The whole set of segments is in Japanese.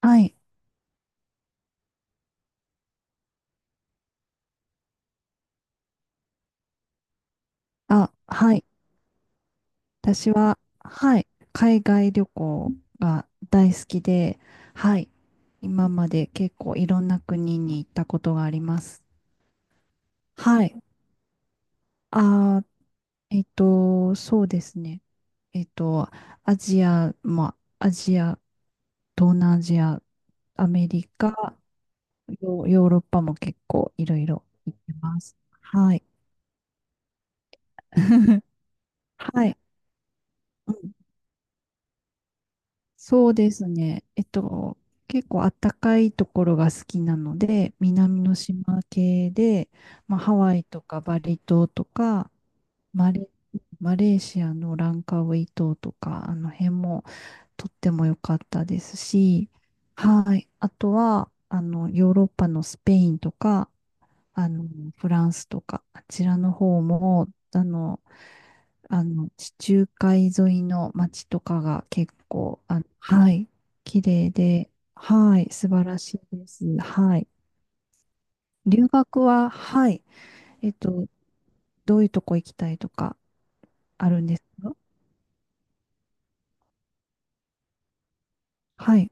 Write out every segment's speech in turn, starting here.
はい。あ、はい。私は、はい、海外旅行が大好きで、はい。今まで結構いろんな国に行ったことがあります。はい。あそうですね。えっと、アジア、東南アジア、アメリカ、ヨーロッパも結構いろいろ行ってます。はい。はい。うんそうですね。結構あったかいところが好きなので、南の島系で、まあ、ハワイとかバリ島とか、マレ、マレーシアのランカウイ島とか、あの辺もとっても良かったですし、はい。あとは、あの、ヨーロッパのスペインとか、あの、フランスとか、あちらの方も、あの、あの、地中海沿いの街とかが結構、あの、はい、綺麗で、はい、素晴らしいです。はい。留学は、はい、えっと、どういうとこ行きたいとかあるんですか？はい、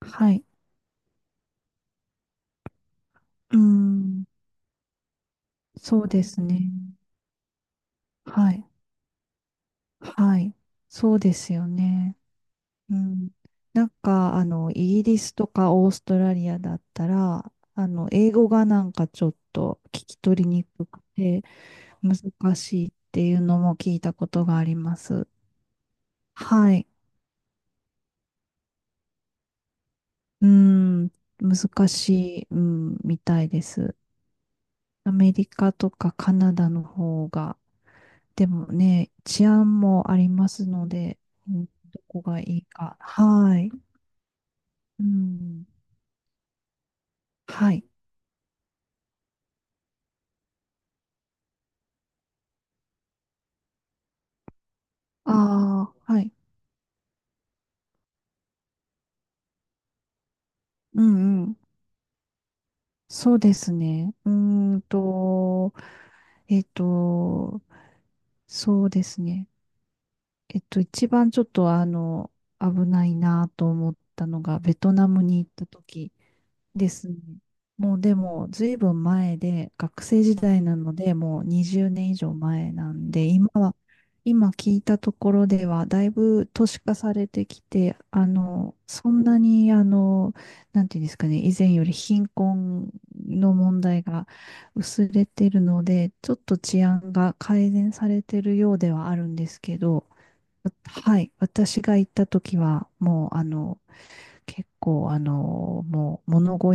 はい。うーん、そうですね。はい、はい。そうですよね。うん。なんか、あの、イギリスとかオーストラリアだったら、あの、英語がなんかちょっと聞き取りにくくて、難しいっていうのも聞いたことがあります。はい。うん、難しい、うん、みたいです。アメリカとかカナダの方が、でもね、治安もありますので、うん、どこがいいか。はい。うん、はい。ああ、はい。うんうん。そうですね。うーんと、えっと、そうですね。一番ちょっとあの、危ないなと思ったのが、ベトナムに行った時ですね。もうでも、ずいぶん前で、学生時代なので、もう20年以上前なんで、今は、今聞いたところでは、だいぶ都市化されてきて、あの、そんなに、あの、なんていうんですかね、以前より貧困の問題が薄れてるので、ちょっと治安が改善されてるようではあるんですけど、はい。私が行った時は、もう、あの、結構、あの、もう、物乞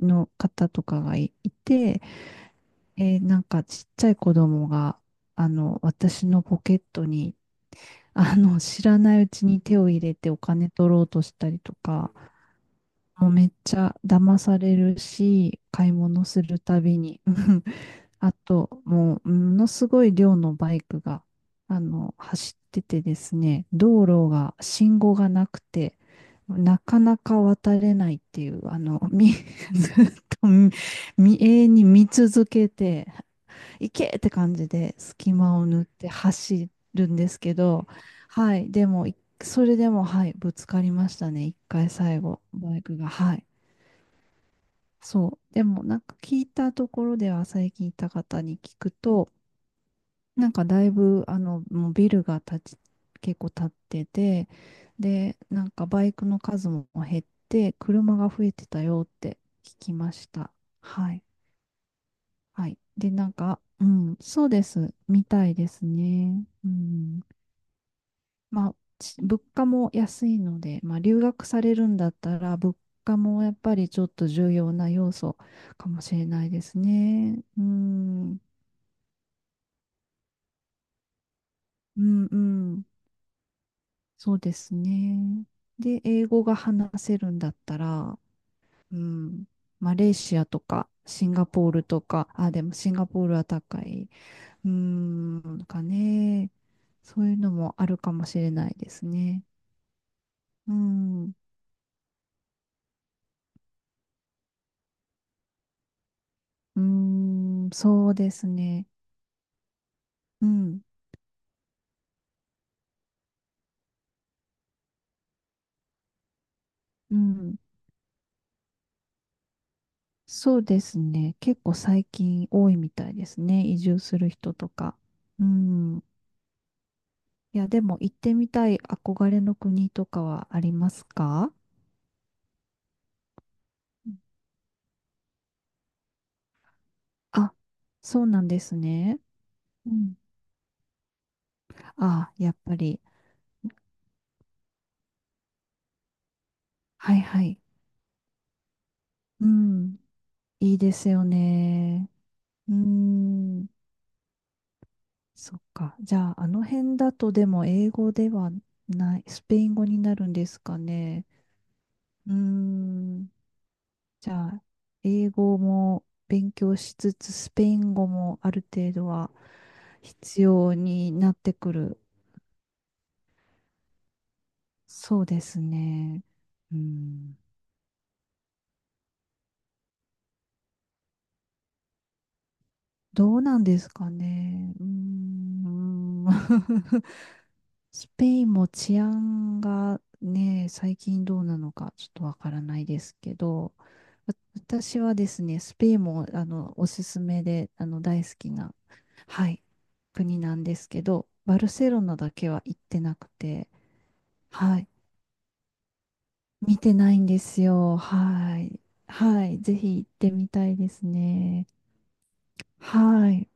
いの方とかがいて、なんか、ちっちゃい子供が、あの、私のポケットに、あの、知らないうちに手を入れてお金取ろうとしたりとか、もうめっちゃ騙されるし、買い物するたびに、うん、あと、もう、ものすごい量のバイクが、あの、走っててですね、道路が、信号がなくて、なかなか渡れないっていう、ずっと永遠に見続けて、行けって感じで隙間を縫って走るんですけど、はい、でも、それでも、はい、ぶつかりましたね、一回最後、バイクが、はい。そう。でも、なんか聞いたところでは、最近いた方に聞くと、なんかだいぶ、あの、もうビルが建ち、結構建ってて、で、なんかバイクの数も減って、車が増えてたよって聞きました。はい。はい。で、なんか、うん、そうです。みたいですね。うん。まあ、物価も安いので、まあ、留学されるんだったら、物価もやっぱりちょっと重要な要素かもしれないですね。うん。うんうん。そうですね。で、英語が話せるんだったら、うん、マレーシアとか、シンガポールとか、あ、でもシンガポールは高い。うん、なんかね、そういうのもあるかもしれないですね。うん、うん、そうですね。うん、うん、そうですね。結構最近多いみたいですね。移住する人とか。うん、いや、でも行ってみたい憧れの国とかはありますか？あ、そうなんですね。うん。あ、やっぱり。はいはい。うん。いいですよね。うーん。そっか。じゃあ、あの辺だとでも英語ではない、スペイン語になるんですかね。うーん。じゃあ、英語も勉強しつつ、スペイン語もある程度は必要になってくる。そうですね。うん。どうなんですかね。うーん。スペインも治安がね、最近どうなのかちょっとわからないですけど、私はですね、スペインもあのおすすめであの大好きな、はい、国なんですけど、バルセロナだけは行ってなくて、はい、見てないんですよ。はい。はい、ぜひ行ってみたいですね。はい。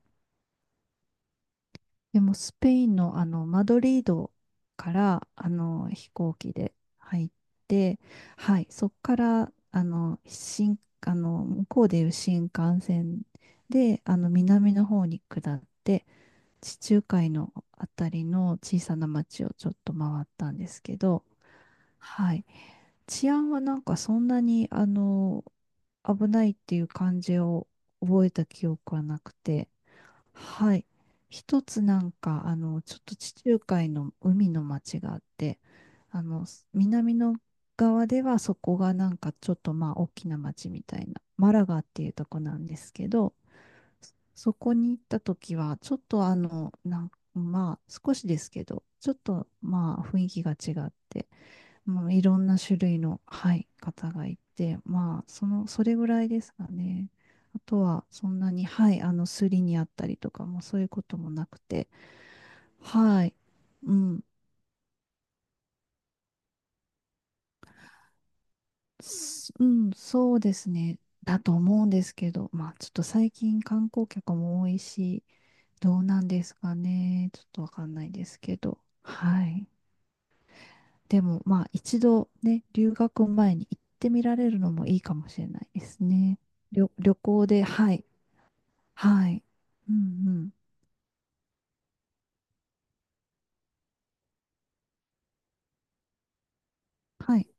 でもスペインのあのマドリードからあの飛行機で入って、はい、そこからあの新、あの向こうでいう新幹線であの南の方に下って、地中海のあたりの小さな町をちょっと回ったんですけど、はい、治安はなんかそんなにあの危ないっていう感じを覚えた記憶はなくて、はい。一つなんか、あの、ちょっと地中海の海の町があって、あの、南の側ではそこがなんかちょっとまあ大きな町みたいな、マラガっていうとこなんですけど、そこに行った時は、ちょっとあの、まあ少しですけど、ちょっとまあ雰囲気が違って、もういろんな種類の、はい、方がいて、まあ、その、それぐらいですかね。あとは、そんなに、はい、あの、すりにあったりとかも、そういうこともなくて、はい、うん、うん、そうですね。だと思うんですけど、まあ、ちょっと最近観光客も多いし、どうなんですかね。ちょっとわかんないですけど、はい。でも、まあ、一度ね、留学前に行ってみられるのもいいかもしれないですね。旅行で、はい、はい。うんうん。はい。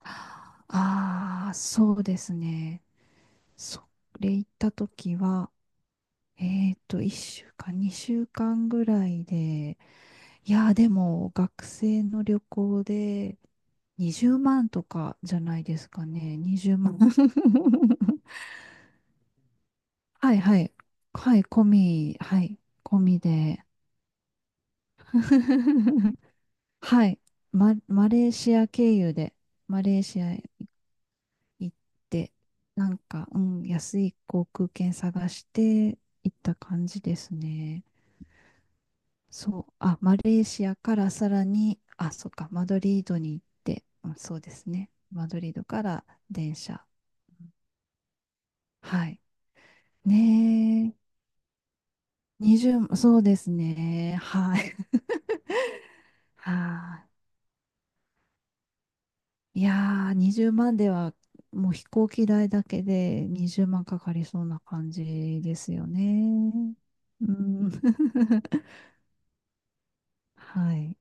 ああ、そうですね。それ行った時は、1週間、2週間ぐらいで、いやー、でも、学生の旅行で20万とかじゃないですかね。20万。はいはい。はい、込み、はい、込みで。はい。マレーシア経由で、マレーシア行って、なんか、うん、安い航空券探して行った感じですね。そう、あ、マレーシアからさらに、あ、そっか、マドリードに行って、うん、そうですね。マドリードから電車。はい。ねえ、20、そうですね。はい。はい。いやー、20万では、もう飛行機代だけで20万かかりそうな感じですよね。うん。はい。